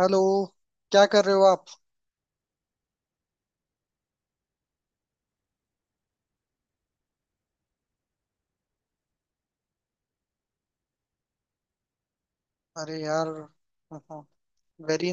Hello. क्या कर रहे हो आप? अरे यार वेरी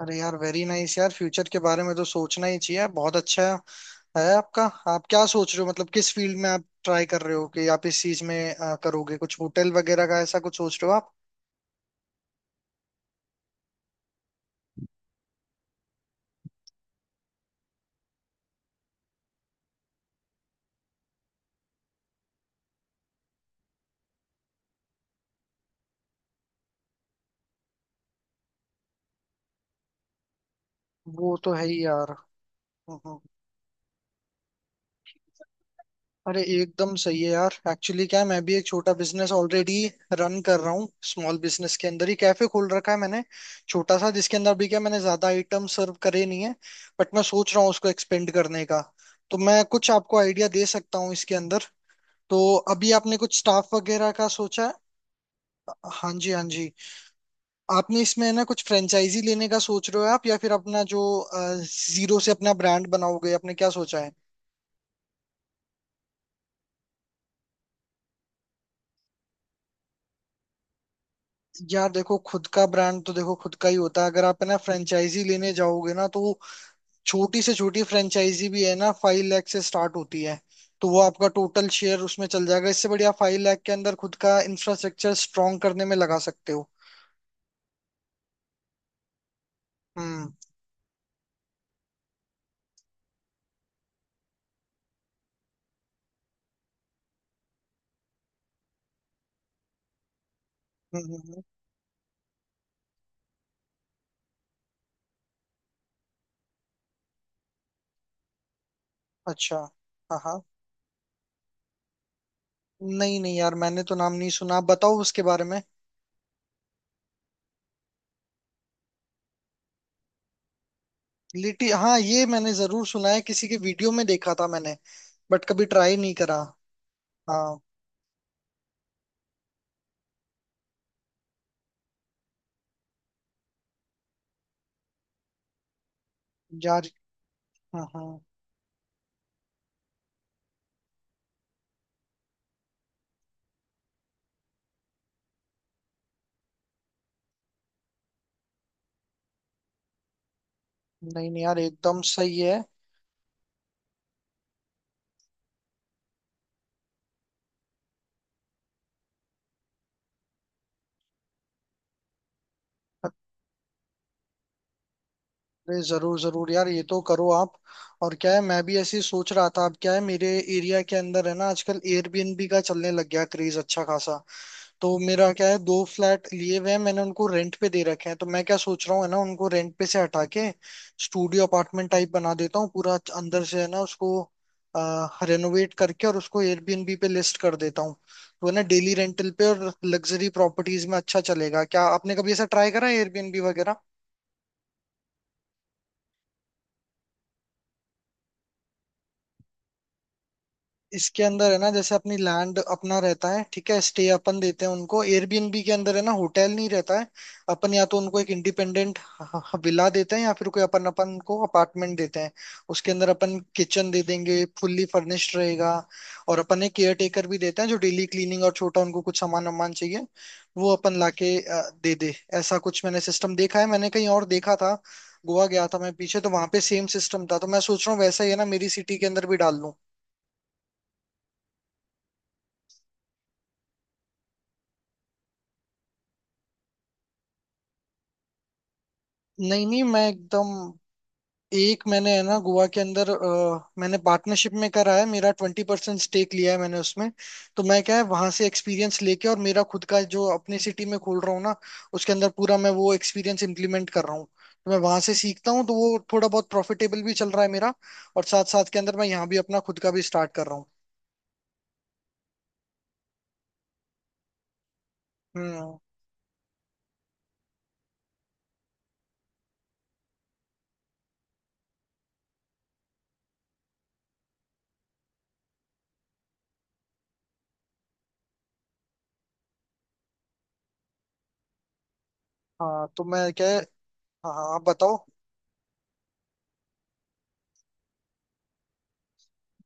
अरे यार वेरी नाइस यार, फ्यूचर के बारे में तो सोचना ही चाहिए, बहुत अच्छा है आपका। आप क्या सोच रहे हो, मतलब किस फील्ड में आप ट्राई कर रहे हो कि आप इस चीज में करोगे? कुछ होटल वगैरह का ऐसा कुछ सोच रहे हो आप? वो तो है ही यार। अरे एकदम सही है यार, एक्चुअली क्या है, मैं भी एक छोटा बिजनेस ऑलरेडी रन कर रहा हूँ। स्मॉल बिजनेस के अंदर ही कैफे खोल रखा है मैंने, छोटा सा, जिसके अंदर भी क्या मैंने ज्यादा आइटम सर्व करे नहीं है। बट मैं सोच रहा हूँ उसको एक्सपेंड करने का, तो मैं कुछ आपको आइडिया दे सकता हूँ इसके अंदर। तो अभी आपने कुछ स्टाफ वगैरह का सोचा है? हाँ जी हाँ जी। आपने इसमें है ना कुछ फ्रेंचाइजी लेने का सोच रहे हो आप, या फिर अपना जो जीरो से अपना ब्रांड बनाओगे, आपने क्या सोचा है? यार देखो, खुद का ब्रांड तो देखो खुद का ही होता है। अगर आप है ना फ्रेंचाइजी लेने जाओगे ना तो वो छोटी से छोटी फ्रेंचाइजी भी है ना 5 लाख से स्टार्ट होती है। तो वो आपका टोटल शेयर उसमें चल जाएगा, इससे बढ़िया 5 लाख के अंदर खुद का इंफ्रास्ट्रक्चर स्ट्रॉन्ग करने में लगा सकते हो। हम्म, हम्म। अच्छा। हाँ हाँ। नहीं नहीं यार, मैंने तो नाम नहीं सुना, आप बताओ उसके बारे में। लिटी, हाँ ये मैंने जरूर सुना है, किसी के वीडियो में देखा था मैंने, बट कभी ट्राई नहीं करा। हाँ। यार। हाँ हाँ। नहीं नहीं यार, एकदम सही है। अरे जरूर जरूर यार, ये तो करो आप। और क्या है, मैं भी ऐसे ही सोच रहा था। अब क्या है, मेरे एरिया के अंदर है ना आजकल एयरबीएनबी का चलने लग गया क्रेज अच्छा खासा। तो मेरा क्या है, दो फ्लैट लिए हुए हैं मैंने, उनको रेंट पे दे रखे हैं। तो मैं क्या सोच रहा हूँ, है ना, उनको रेंट पे से हटा के स्टूडियो अपार्टमेंट टाइप बना देता हूँ, पूरा अंदर से है ना उसको रेनोवेट करके, और उसको एयरबीएनबी पे लिस्ट कर देता हूँ। तो है ना डेली रेंटल पे और लग्जरी प्रॉपर्टीज में अच्छा चलेगा। क्या आपने कभी ऐसा ट्राई करा है एयरबीएनबी वगैरह? इसके अंदर है ना, जैसे अपनी लैंड अपना रहता है, ठीक है, स्टे अपन देते हैं उनको। एयरबीएनबी के अंदर है ना होटल नहीं रहता है, अपन या तो उनको एक इंडिपेंडेंट विला देते हैं या फिर कोई अपन अपन को अपार्टमेंट देते हैं। उसके अंदर अपन किचन दे देंगे, फुल्ली फर्निश्ड रहेगा। और अपन एक केयर टेकर भी देते हैं जो डेली क्लीनिंग, और छोटा उनको कुछ सामान वामान चाहिए वो अपन लाके दे दे। ऐसा कुछ मैंने सिस्टम देखा है, मैंने कहीं और देखा था। गोवा गया था मैं पीछे, तो वहां पे सेम सिस्टम था, तो मैं सोच रहा हूँ वैसा ही है ना मेरी सिटी के अंदर भी डाल लूं। नहीं नहीं, मैं एकदम। एक मैंने है ना गोवा के अंदर मैंने पार्टनरशिप में करा है, मेरा 20% स्टेक लिया है मैंने उसमें। तो मैं क्या है, वहां से एक्सपीरियंस लेके और मेरा खुद का जो अपने सिटी में खोल रहा हूँ ना, उसके अंदर पूरा मैं वो एक्सपीरियंस इम्प्लीमेंट कर रहा हूँ। तो मैं वहां से सीखता हूँ, तो वो थोड़ा बहुत प्रॉफिटेबल भी चल रहा है मेरा। और साथ साथ के अंदर मैं यहाँ भी अपना खुद का भी स्टार्ट कर रहा हूँ। हम्म। हाँ तो मैं क्या है। हाँ हाँ, आप बताओ।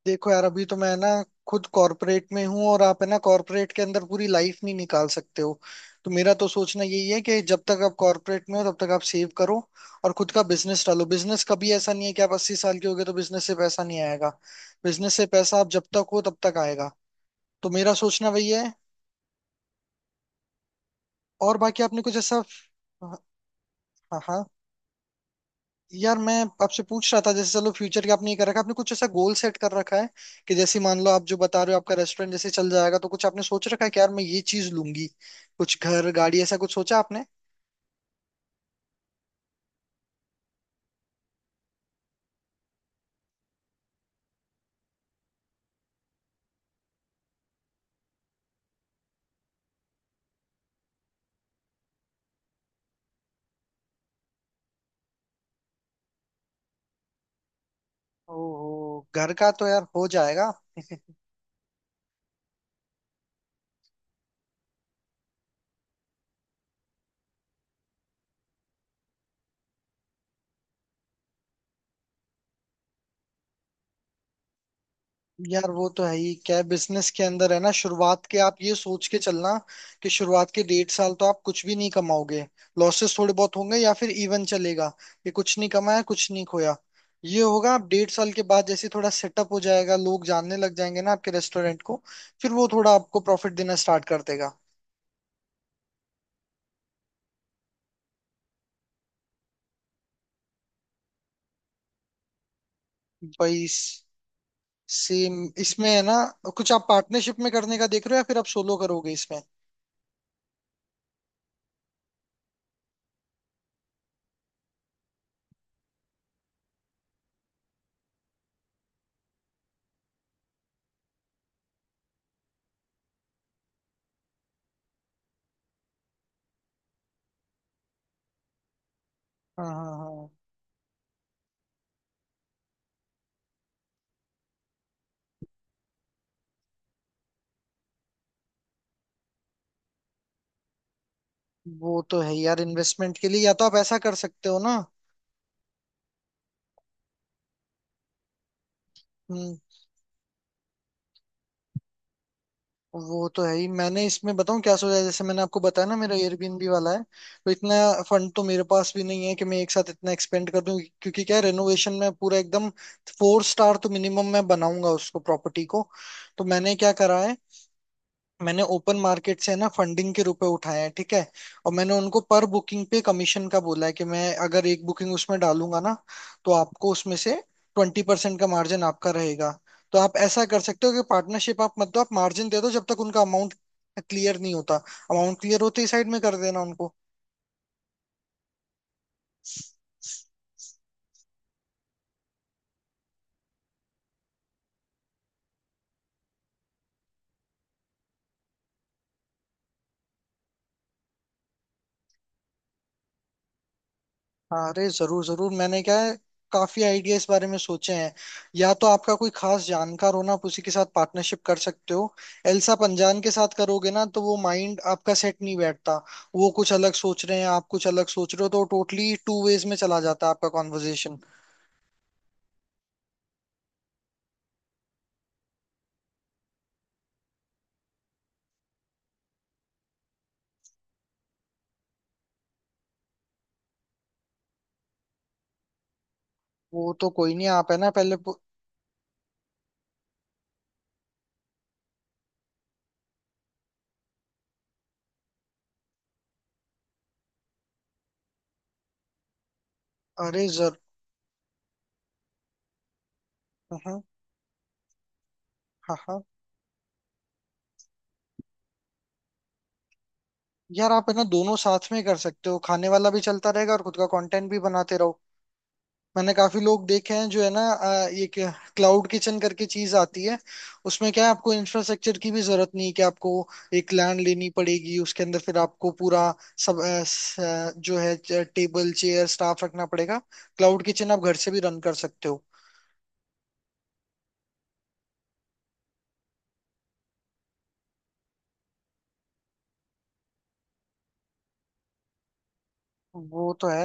देखो यार, अभी तो मैं ना खुद कॉरपोरेट में हूँ, और आप है ना कॉरपोरेट के अंदर पूरी लाइफ नहीं निकाल सकते हो। तो मेरा तो सोचना यही है कि जब तक आप कॉरपोरेट में हो तब तक आप सेव करो और खुद का बिजनेस डालो। बिजनेस कभी ऐसा नहीं है कि आप 80 साल के हो गए तो बिजनेस से पैसा नहीं आएगा। बिजनेस से पैसा आप जब तक हो तब तक आएगा। तो मेरा सोचना वही है। और बाकी आपने कुछ ऐसा। हाँ हाँ हाँ। यार मैं आपसे पूछ रहा था, जैसे चलो फ्यूचर की आपने ये कर रखा है, आपने कुछ ऐसा गोल सेट कर रखा है कि जैसे मान लो आप जो बता रहे हो आपका रेस्टोरेंट जैसे चल जाएगा, तो कुछ आपने सोच रखा है कि यार मैं ये चीज लूंगी? कुछ घर, गाड़ी, ऐसा कुछ सोचा आपने? ओहो घर का तो यार हो जाएगा। यार वो तो है ही, क्या बिजनेस के अंदर है ना शुरुआत के आप ये सोच के चलना कि शुरुआत के 1.5 साल तो आप कुछ भी नहीं कमाओगे। लॉसेस थोड़े बहुत होंगे या फिर इवन चलेगा कि कुछ नहीं कमाया कुछ नहीं खोया। ये होगा। आप 1.5 साल के बाद जैसे थोड़ा सेटअप हो जाएगा, लोग जानने लग जाएंगे ना आपके रेस्टोरेंट को, फिर वो थोड़ा आपको प्रॉफिट देना स्टार्ट कर देगा। भाई, सेम। इसमें है ना कुछ आप पार्टनरशिप में करने का देख रहे हो या फिर आप सोलो करोगे इसमें? हाँ हाँ हाँ। वो तो है यार, इन्वेस्टमेंट के लिए या तो आप ऐसा कर सकते हो ना। हम्म। वो तो है ही। मैंने इसमें बताऊं क्या सोचा है, जैसे मैंने आपको बताया ना मेरा एयरबीएनबी वाला है, तो इतना फंड तो मेरे पास भी नहीं है कि मैं एक साथ इतना एक्सपेंड कर दूं, क्योंकि क्या है रेनोवेशन में पूरा एकदम 4 स्टार तो मिनिमम मैं बनाऊंगा उसको, प्रॉपर्टी को। तो मैंने क्या करा है, मैंने ओपन मार्केट से है ना फंडिंग के रुपए उठाए हैं, ठीक है। और मैंने उनको पर बुकिंग पे कमीशन का बोला है, कि मैं अगर एक बुकिंग उसमें डालूंगा ना तो आपको उसमें से 20% का मार्जिन आपका रहेगा। तो आप ऐसा कर सकते हो कि पार्टनरशिप आप, मतलब आप मार्जिन दे दो जब तक उनका अमाउंट क्लियर नहीं होता। अमाउंट क्लियर होते ही साइड में कर देना उनको। अरे जरूर जरूर। मैंने क्या है काफी आइडिया इस बारे में सोचे हैं। या तो आपका कोई खास जानकार हो ना, आप उसी के साथ पार्टनरशिप कर सकते हो। एल्सा पंजान के साथ करोगे ना तो वो माइंड आपका सेट नहीं बैठता, वो कुछ अलग सोच रहे हैं, आप कुछ अलग सोच रहे हो, तो टोटली टू वेज में चला जाता है आपका कॉन्वर्जेशन। वो तो कोई नहीं, आप है ना पहले अरे जर हाँ हाँ हाँ। यार आप है ना दोनों साथ में कर सकते हो, खाने वाला भी चलता रहेगा और खुद का कंटेंट भी बनाते रहो। मैंने काफी लोग देखे हैं जो है ना ये क्लाउड किचन करके चीज आती है। उसमें क्या है, आपको इंफ्रास्ट्रक्चर की भी जरूरत नहीं है कि आपको एक लैंड लेनी पड़ेगी, उसके अंदर फिर आपको पूरा सब जो है टेबल चेयर स्टाफ रखना पड़ेगा। क्लाउड किचन आप घर से भी रन कर सकते हो। वो तो है।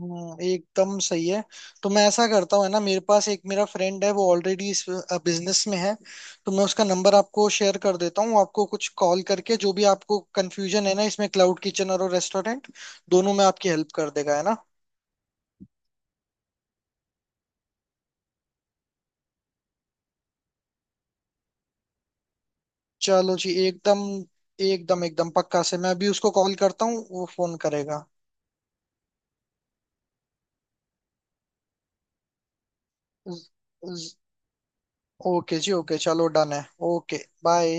एकदम सही है। तो मैं ऐसा करता हूँ है ना, मेरे पास एक मेरा फ्रेंड है वो ऑलरेडी इस बिजनेस में है, तो मैं उसका नंबर आपको शेयर कर देता हूँ। आपको कुछ कॉल करके जो भी आपको कंफ्यूजन है ना इसमें क्लाउड किचन और रेस्टोरेंट दोनों में आपकी हेल्प कर देगा है ना। चलो जी, एकदम एकदम एकदम पक्का से मैं अभी उसको कॉल करता हूँ, वो फोन करेगा। ज- ज- ओके जी, ओके, चलो डन है। Okay bye.